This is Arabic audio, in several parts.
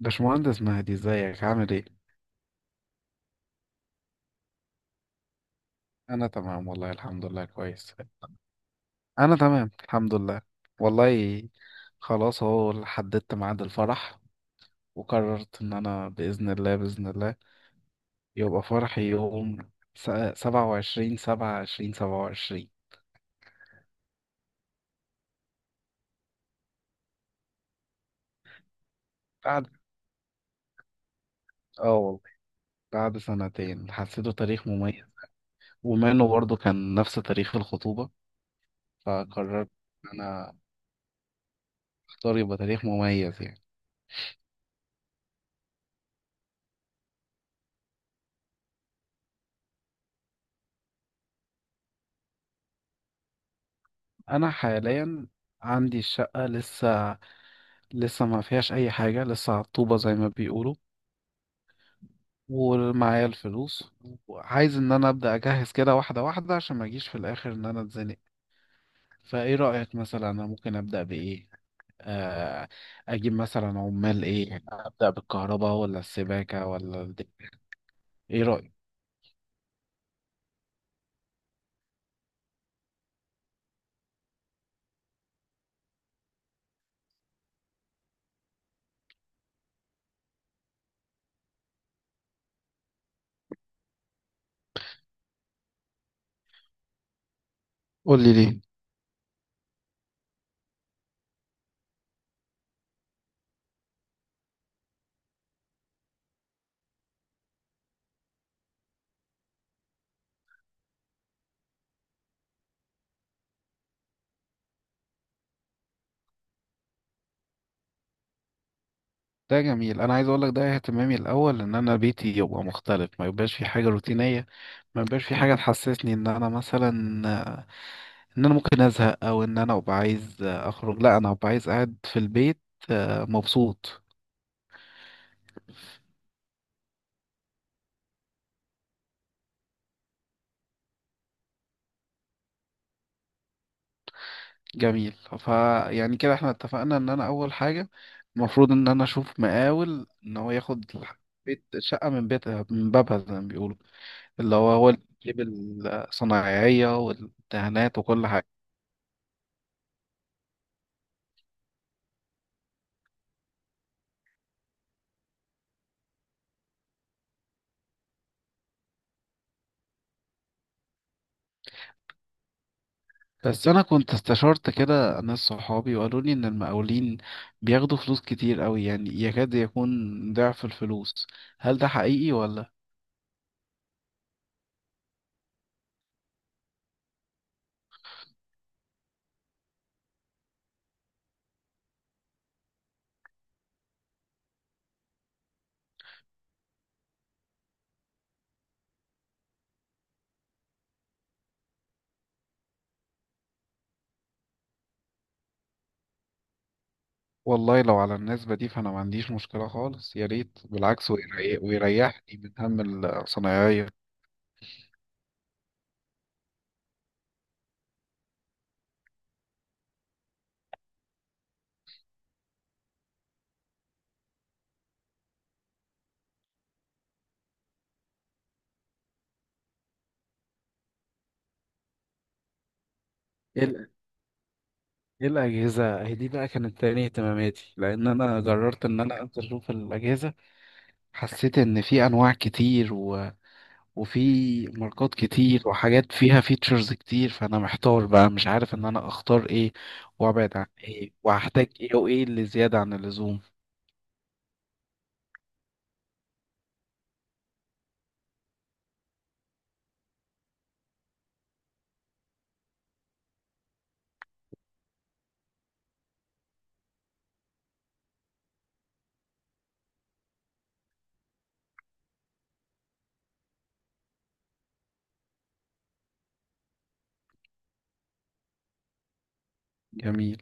باشمهندس مهدي، ازيك؟ عامل ايه؟ انا تمام والله، الحمد لله كويس. انا تمام الحمد لله. والله. خلاص اهو، حددت ميعاد الفرح. وقررت ان انا باذن الله باذن الله يبقى فرحي يوم 27، سبعة عشرين، 27. بعد. اه والله، بعد سنتين حسيته تاريخ مميز. وما انه برضه كان نفس تاريخ الخطوبة، فقررت ان انا اختار يبقى تاريخ مميز يعني. انا حاليا عندي الشقة لسه ما فيهاش اي حاجه، لسه على الطوبه زي ما بيقولوا. ومعايا الفلوس، وعايز ان انا ابدا اجهز كده واحده واحده عشان ما اجيش في الاخر ان انا اتزنق. فايه رايك، مثلا انا ممكن ابدا بايه؟ آه، اجيب مثلا، عمال ايه ابدا بالكهرباء ولا السباكه ولا ايه رايك؟ قول لي ليه. ده جميل، انا عايز اقول لك ده اهتمامي الاول ان انا بيتي يبقى مختلف، ما يبقاش في حاجه روتينيه، ما يبقاش في حاجه تحسسني ان انا مثلا ان انا ممكن ازهق، او ان انا ابقى عايز اخرج. لا، انا هبقى عايز قاعد في البيت، مبسوط. جميل. فيعني كده احنا اتفقنا ان انا اول حاجة المفروض ان انا اشوف مقاول، ان هو ياخد بيت شقة من بيت، من بابها زي ما بيقولوا، اللي هو هو اللي يجيب الصنايعية والدهانات وكل حاجة. بس انا كنت استشرت كده ناس صحابي، وقالوا لي ان المقاولين بياخدوا فلوس كتير قوي، يعني يكاد يكون ضعف الفلوس. هل ده حقيقي ولا؟ والله، لو على النسبة دي فأنا ما عنديش مشكلة خالص، يا ريت بالعكس، ويريحني من هم الصنايعية. ايه ال- إيه الاجهزه هي دي بقى، كانت تاني اهتماماتي، لان انا جربت ان انا انزل اشوف الاجهزه. حسيت ان في انواع كتير وفي ماركات كتير وحاجات فيها فيتشرز كتير، فانا محتار بقى، مش عارف ان انا اختار ايه وابعد عن ايه وهحتاج ايه وايه اللي زياده عن اللزوم. جميل.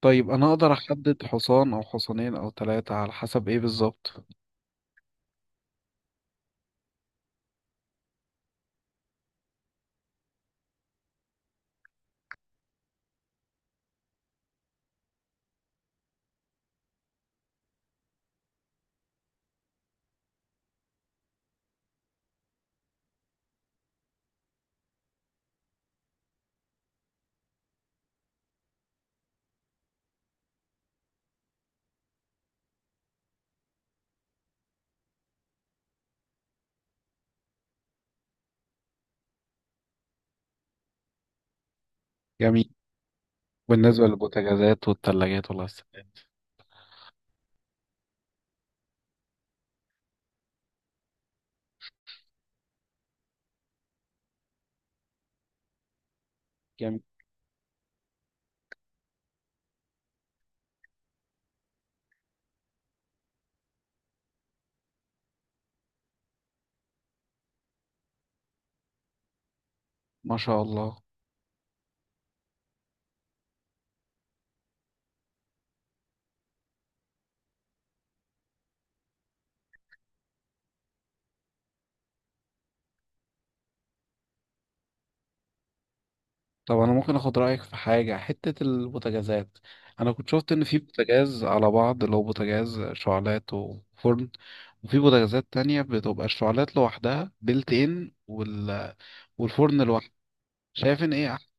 طيب انا اقدر احدد حصان او حصانين او ثلاثه على حسب ايه بالظبط؟ جميل. بالنسبة للبوتاجازات والثلاجات والغسالات. جميل، ما شاء الله. طب أنا ممكن أخد رأيك في حاجة حتة البوتاجازات؟ أنا كنت شفت إن في بوتاجاز على بعض، اللي هو بوتاجاز شعلات وفرن، وفي بوتاجازات تانية بتبقى الشعلات لوحدها بيلت إن والفرن لوحده. شايف إن إيه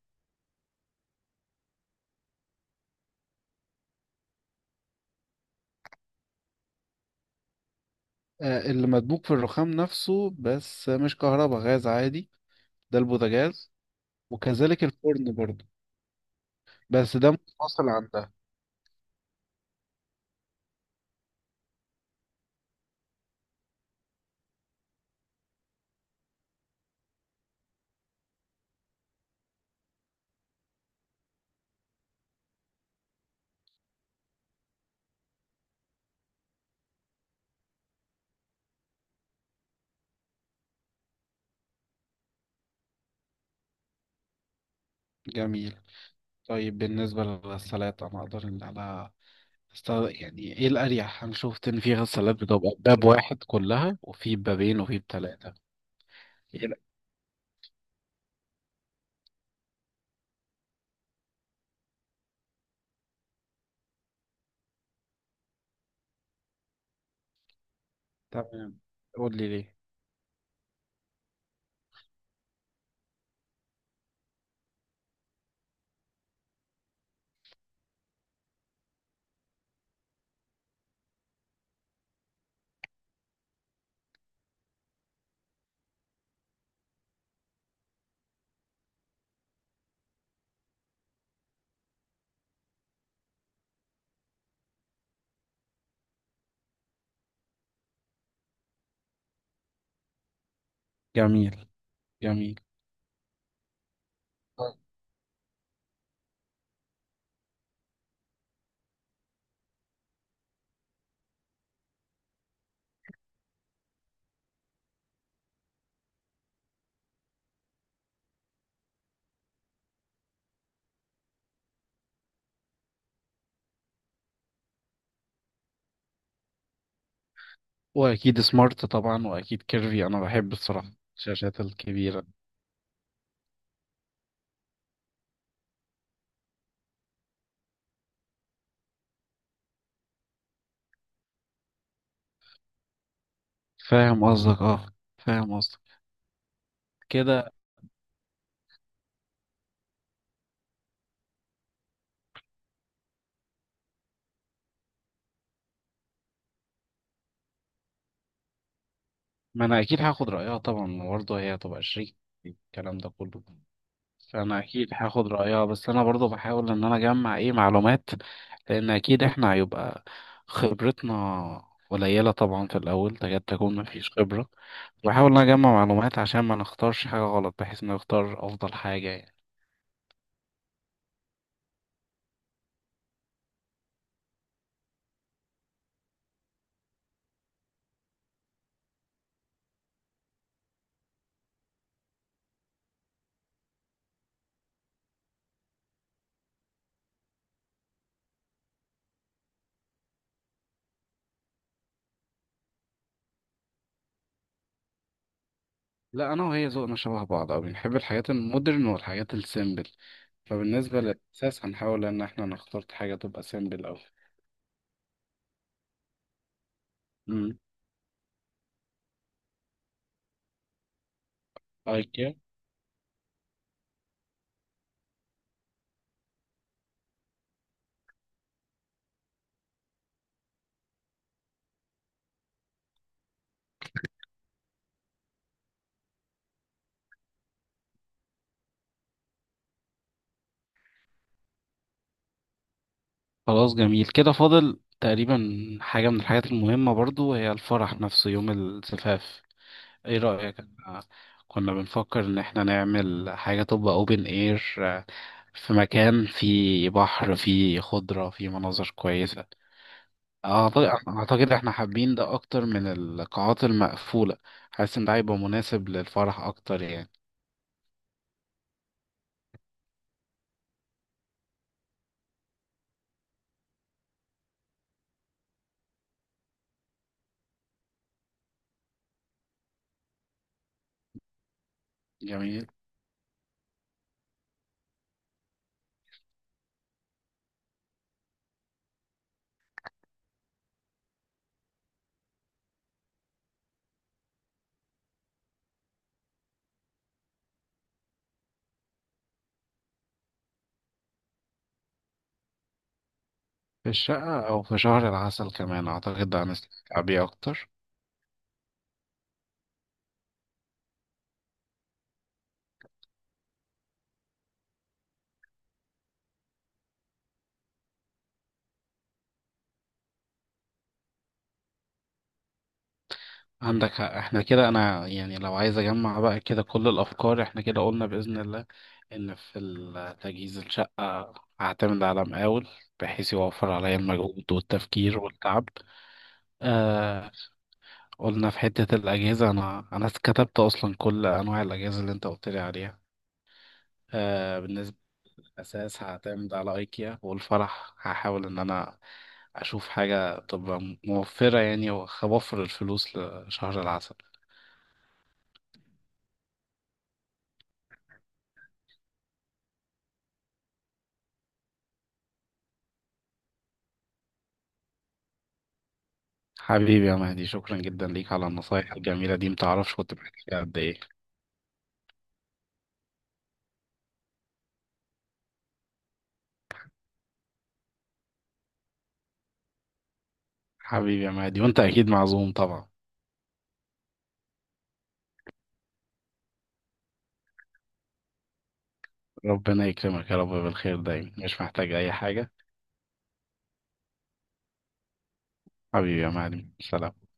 اللي مدبوك في الرخام نفسه، بس مش كهرباء، غاز عادي. ده البوتاجاز، وكذلك الفرن برضه، بس ده منفصل عن ده. جميل. طيب بالنسبة للغسالات أنا أقدر إن أنا أست- يعني إيه الأريح؟ أنا شفت إن في غسالات بتبقى باب واحد كلها، وفي بابين، وفي بتلاتة. إيه، لا. تمام، قول لي ليه. جميل، جميل. طيب. وأكيد سمارت طبعا، وأكيد كيرفي، أنا بحب الصراحة الشاشات الكبيرة. فاهم قصدك. أه، فاهم قصدك. كده ما أنا أكيد هاخد رأيها طبعا، برضه هي هتبقى شريك في الكلام ده كله. انا اكيد هاخد رايها، بس انا برضو بحاول ان انا اجمع ايه معلومات، لان اكيد احنا هيبقى خبرتنا قليله طبعا في الاول، تكاد تكون مفيش خبره. بحاول ان انا اجمع معلومات عشان ما نختارش حاجه غلط، بحيث ان نختار افضل حاجه يعني. لا، انا وهي ذوقنا شبه بعض، او بنحب الحاجات المودرن والحاجات السيمبل. فبالنسبه للاساس هنحاول ان احنا نختار حاجه تبقى سيمبل او. امم. خلاص جميل كده، فاضل تقريبا حاجة من الحاجات المهمة برضو، هي الفرح نفسه يوم الزفاف. ايه رأيك؟ أنا كنا بنفكر ان احنا نعمل حاجة تبقى اوبن اير، في مكان فيه بحر، فيه خضرة، فيه مناظر كويسة. اعتقد احنا حابين ده اكتر من القاعات المقفولة، حاسس ان ده هيبقى مناسب للفرح اكتر يعني. جميل. في الشقة او في شهر العسل كمان اعتقد ده هنستمتع بيه اكتر. عندك حق، احنا كده، انا يعني لو عايز اجمع بقى كده كل الافكار، احنا كده قلنا باذن الله ان في تجهيز الشقه هعتمد على مقاول، بحيث يوفر عليا المجهود والتفكير والتعب. آه قلنا في حته الاجهزه، انا كتبت اصلا كل انواع الاجهزه اللي انت قلت لي عليها. بالنسبه للاساس هعتمد على ايكيا، والفرح هحاول ان انا اشوف حاجه تبقى موفره يعني، واوفر الفلوس لشهر العسل. حبيبي يا مهدي، شكرا جدا ليك على النصايح الجميلة دي، متعرفش كنت محتاجها قد ايه. حبيبي يا مهدي، وانت اكيد معزوم طبعا. ربنا يكرمك يا رب بالخير دايما، مش محتاج اي حاجة. حبيبي يا مهدي، سلام.